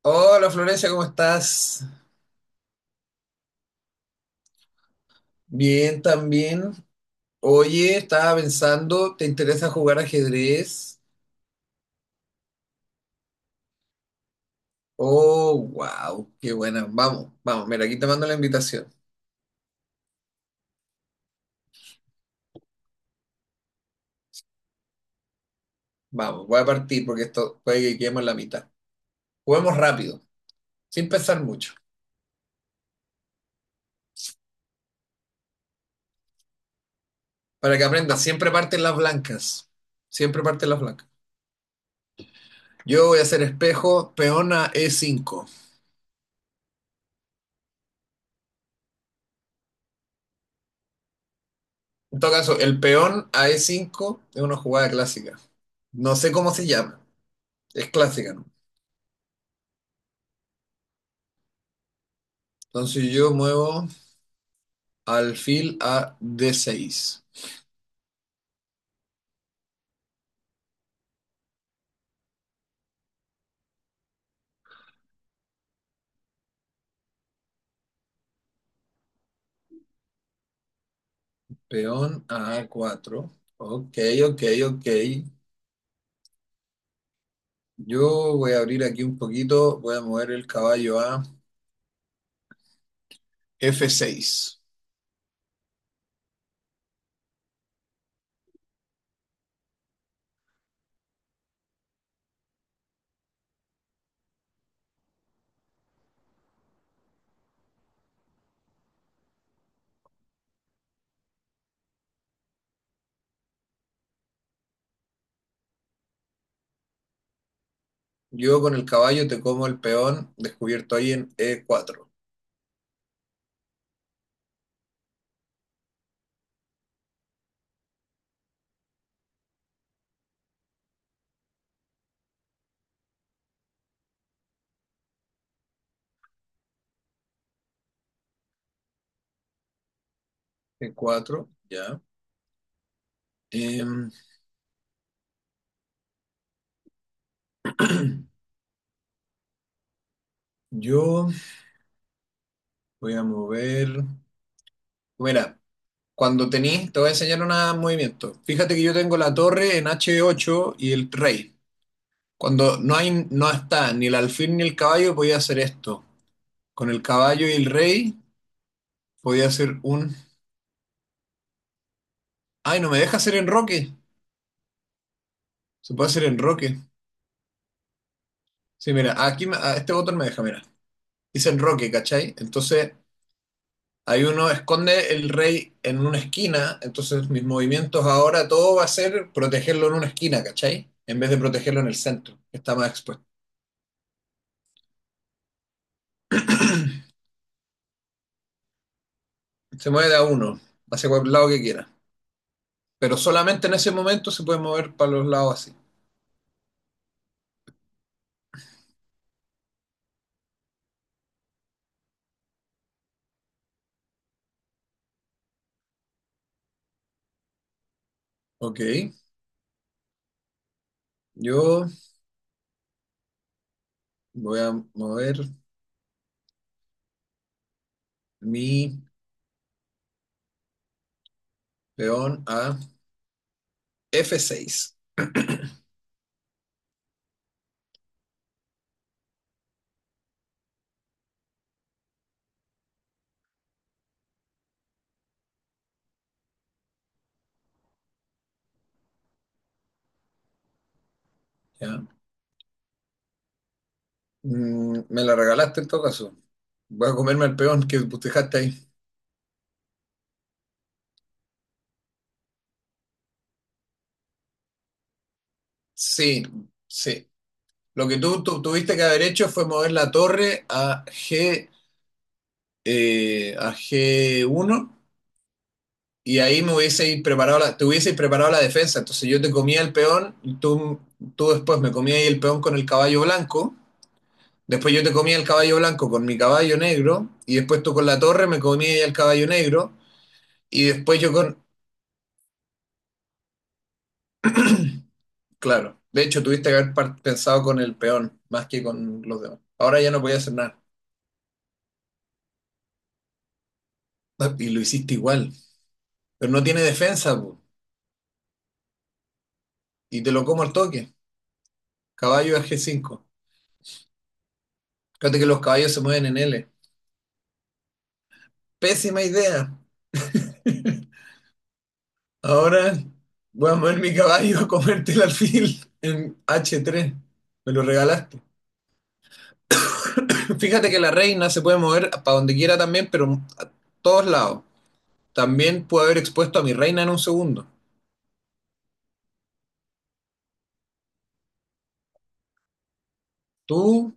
Hola Florencia, ¿cómo estás? Bien, también. Oye, estaba pensando, ¿te interesa jugar ajedrez? Oh, wow, qué buena. Vamos, vamos, mira, aquí te mando la invitación. Vamos, voy a partir porque esto puede que quedemos en la mitad. Juguemos rápido, sin pensar mucho, para que aprendas. Siempre parten las blancas. Siempre parten las blancas. Yo voy a hacer espejo, peón a E5. En todo caso, el peón a E5 es una jugada clásica. No sé cómo se llama, es clásica, ¿no? Entonces yo muevo alfil a D6, peón a A4. Ok, ok, ok. Yo voy a abrir aquí un poquito, voy a mover el caballo a F6. Yo con el caballo te como el peón descubierto ahí en E4. E4, ya. Em, yo voy a mover. Mira, cuando tenés, te voy a enseñar un movimiento. Fíjate que yo tengo la torre en H8 y el rey. Cuando no hay, no está ni el alfil ni el caballo, podía hacer esto. Con el caballo y el rey, podía hacer un. Ay, no me deja hacer enroque. Se puede hacer enroque. Sí, mira, aquí a este botón me deja, mira. Dice enroque, ¿cachai? Entonces, ahí uno esconde el rey en una esquina. Entonces, mis movimientos ahora, todo va a ser protegerlo en una esquina, ¿cachai? En vez de protegerlo en el centro, que está más expuesto. Se mueve de a uno, hacia cualquier lado que quiera. Pero solamente en ese momento se puede mover para los lados así. Ok. Yo voy a mover mi peón a F6. ¿Ya? Me la regalaste en todo caso. Voy a comerme al peón que dejaste ahí. Sí, sí. Lo que tú tuviste que haber hecho fue mover la torre a G, a G1 y ahí me hubieseis preparado la, te hubieseis preparado la defensa. Entonces yo te comía el peón y tú después me comías ahí el peón con el caballo blanco. Después yo te comía el caballo blanco con mi caballo negro, y después tú con la torre me comías ya el caballo negro, y después yo con. Claro, de hecho tuviste que haber pensado con el peón más que con los demás. Ahora ya no podía hacer nada. Y lo hiciste igual, pero no tiene defensa, po, y te lo como al toque. Caballo a G5. Fíjate que los caballos se mueven en L. Pésima idea. Ahora voy a mover mi caballo a comerte el alfil en H3. Me lo regalaste. Fíjate que la reina se puede mover para donde quiera también, pero a todos lados. También puedo haber expuesto a mi reina en un segundo. Tú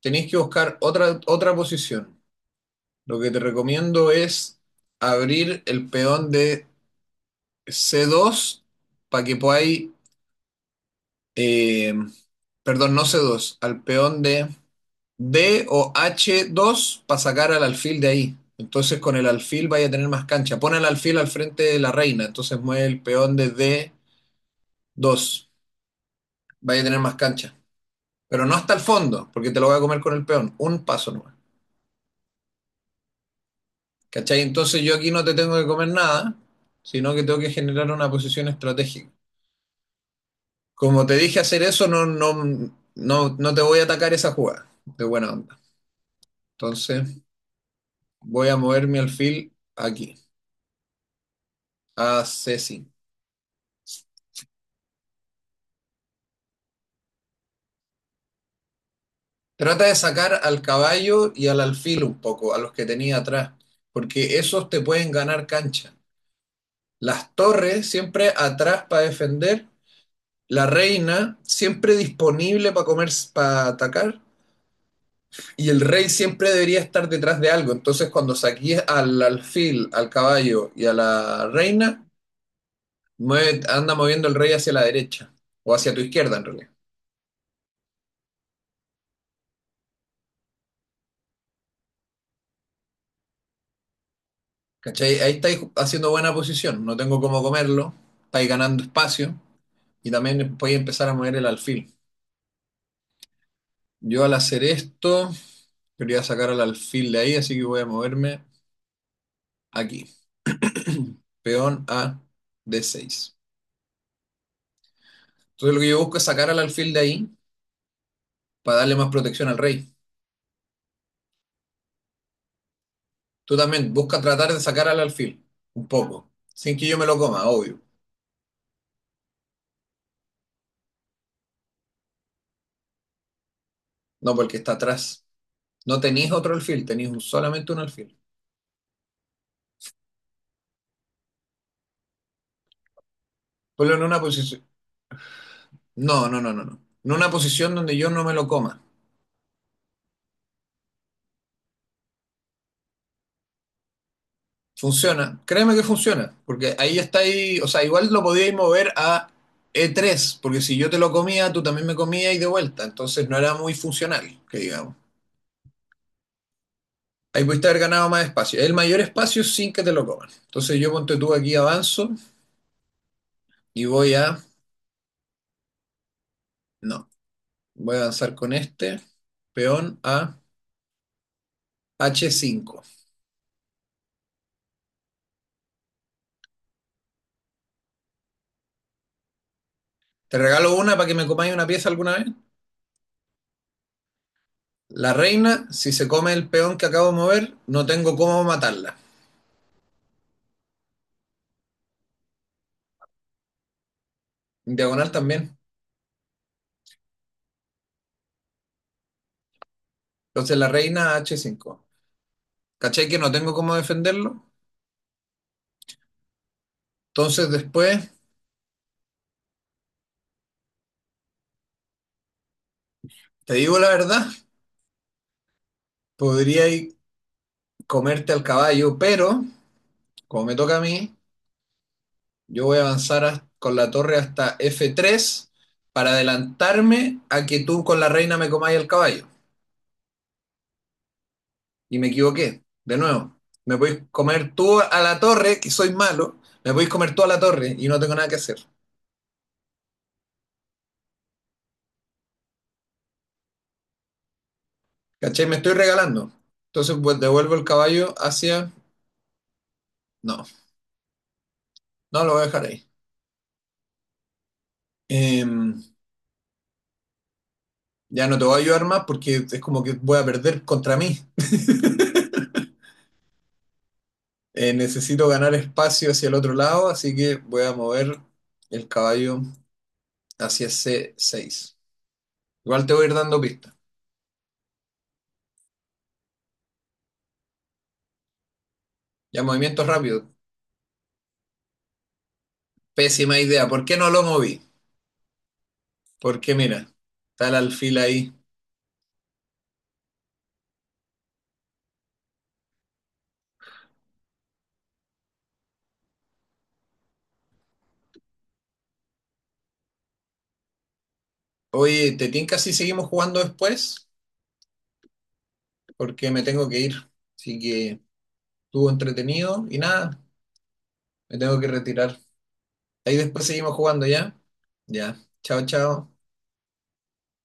tenés que buscar otra posición. Lo que te recomiendo es abrir el peón de C2 para que podáis, eh, perdón, no C2, al peón de D o H2 para sacar al alfil de ahí. Entonces con el alfil vaya a tener más cancha. Pon el alfil al frente de la reina, entonces mueve el peón de D2. Vaya a tener más cancha. Pero no hasta el fondo, porque te lo voy a comer con el peón, un paso nomás. ¿Cachai? Entonces yo aquí no te tengo que comer nada, sino que tengo que generar una posición estratégica. Como te dije hacer eso, no, no, no, no te voy a atacar esa jugada de buena onda. Entonces voy a mover mi alfil aquí, a c Ceci. Trata de sacar al caballo y al alfil un poco, a los que tenía atrás, porque esos te pueden ganar cancha. Las torres siempre atrás para defender, la reina siempre disponible para comer, para atacar, y el rey siempre debería estar detrás de algo. Entonces, cuando saquís al alfil, al caballo y a la reina, anda moviendo el rey hacia la derecha o hacia tu izquierda, en realidad. ¿Cachai? Ahí estáis haciendo buena posición, no tengo cómo comerlo, estáis ganando espacio y también podéis empezar a mover el alfil. Yo al hacer esto, quería sacar al alfil de ahí, así que voy a moverme aquí. Peón a D6. Entonces lo que yo busco es sacar al alfil de ahí para darle más protección al rey. Tú también busca tratar de sacar al alfil, un poco, sin que yo me lo coma, obvio. No, porque está atrás. No tenéis otro alfil, tenéis solamente un alfil. Ponlo en una posición. No, no, no, no, no. En una posición donde yo no me lo coma. Funciona. Créeme que funciona, porque ahí está ahí, o sea, igual lo podíais mover a E3, porque si yo te lo comía, tú también me comías y de vuelta. Entonces no era muy funcional, que digamos. Ahí pudiste haber ganado más espacio. El mayor espacio sin que te lo coman. Entonces yo ponte tú aquí avanzo y voy a. No, voy a avanzar con este peón a H5. Te regalo una para que me comáis una pieza alguna vez. La reina, si se come el peón que acabo de mover, no tengo cómo matarla. En diagonal también. Entonces la reina a H5. ¿Cachai que no tengo cómo defenderlo? Entonces después, te digo la verdad, podría ir comerte al caballo, pero como me toca a mí. Yo voy a avanzar con la torre hasta F3 para adelantarme a que tú con la reina me comáis el caballo. Y me equivoqué. De nuevo, me podéis comer tú a la torre, que soy malo. Me podéis comer tú a la torre y no tengo nada que hacer. ¿Cachai? Me estoy regalando. Entonces pues, devuelvo el caballo hacia. No, no lo voy a dejar ahí. Em, ya no te voy a ayudar más porque es como que voy a perder contra mí. Necesito ganar espacio hacia el otro lado, así que voy a mover el caballo hacia C6. Igual te voy a ir dando pistas. Ya, movimiento rápido. Pésima idea. ¿Por qué no lo moví? Porque mira, está el alfil ahí. Oye, ¿te tinca si seguimos jugando después? Porque me tengo que ir. Así que estuvo entretenido y nada, me tengo que retirar. Ahí después seguimos jugando ya. Ya. Chao, chao.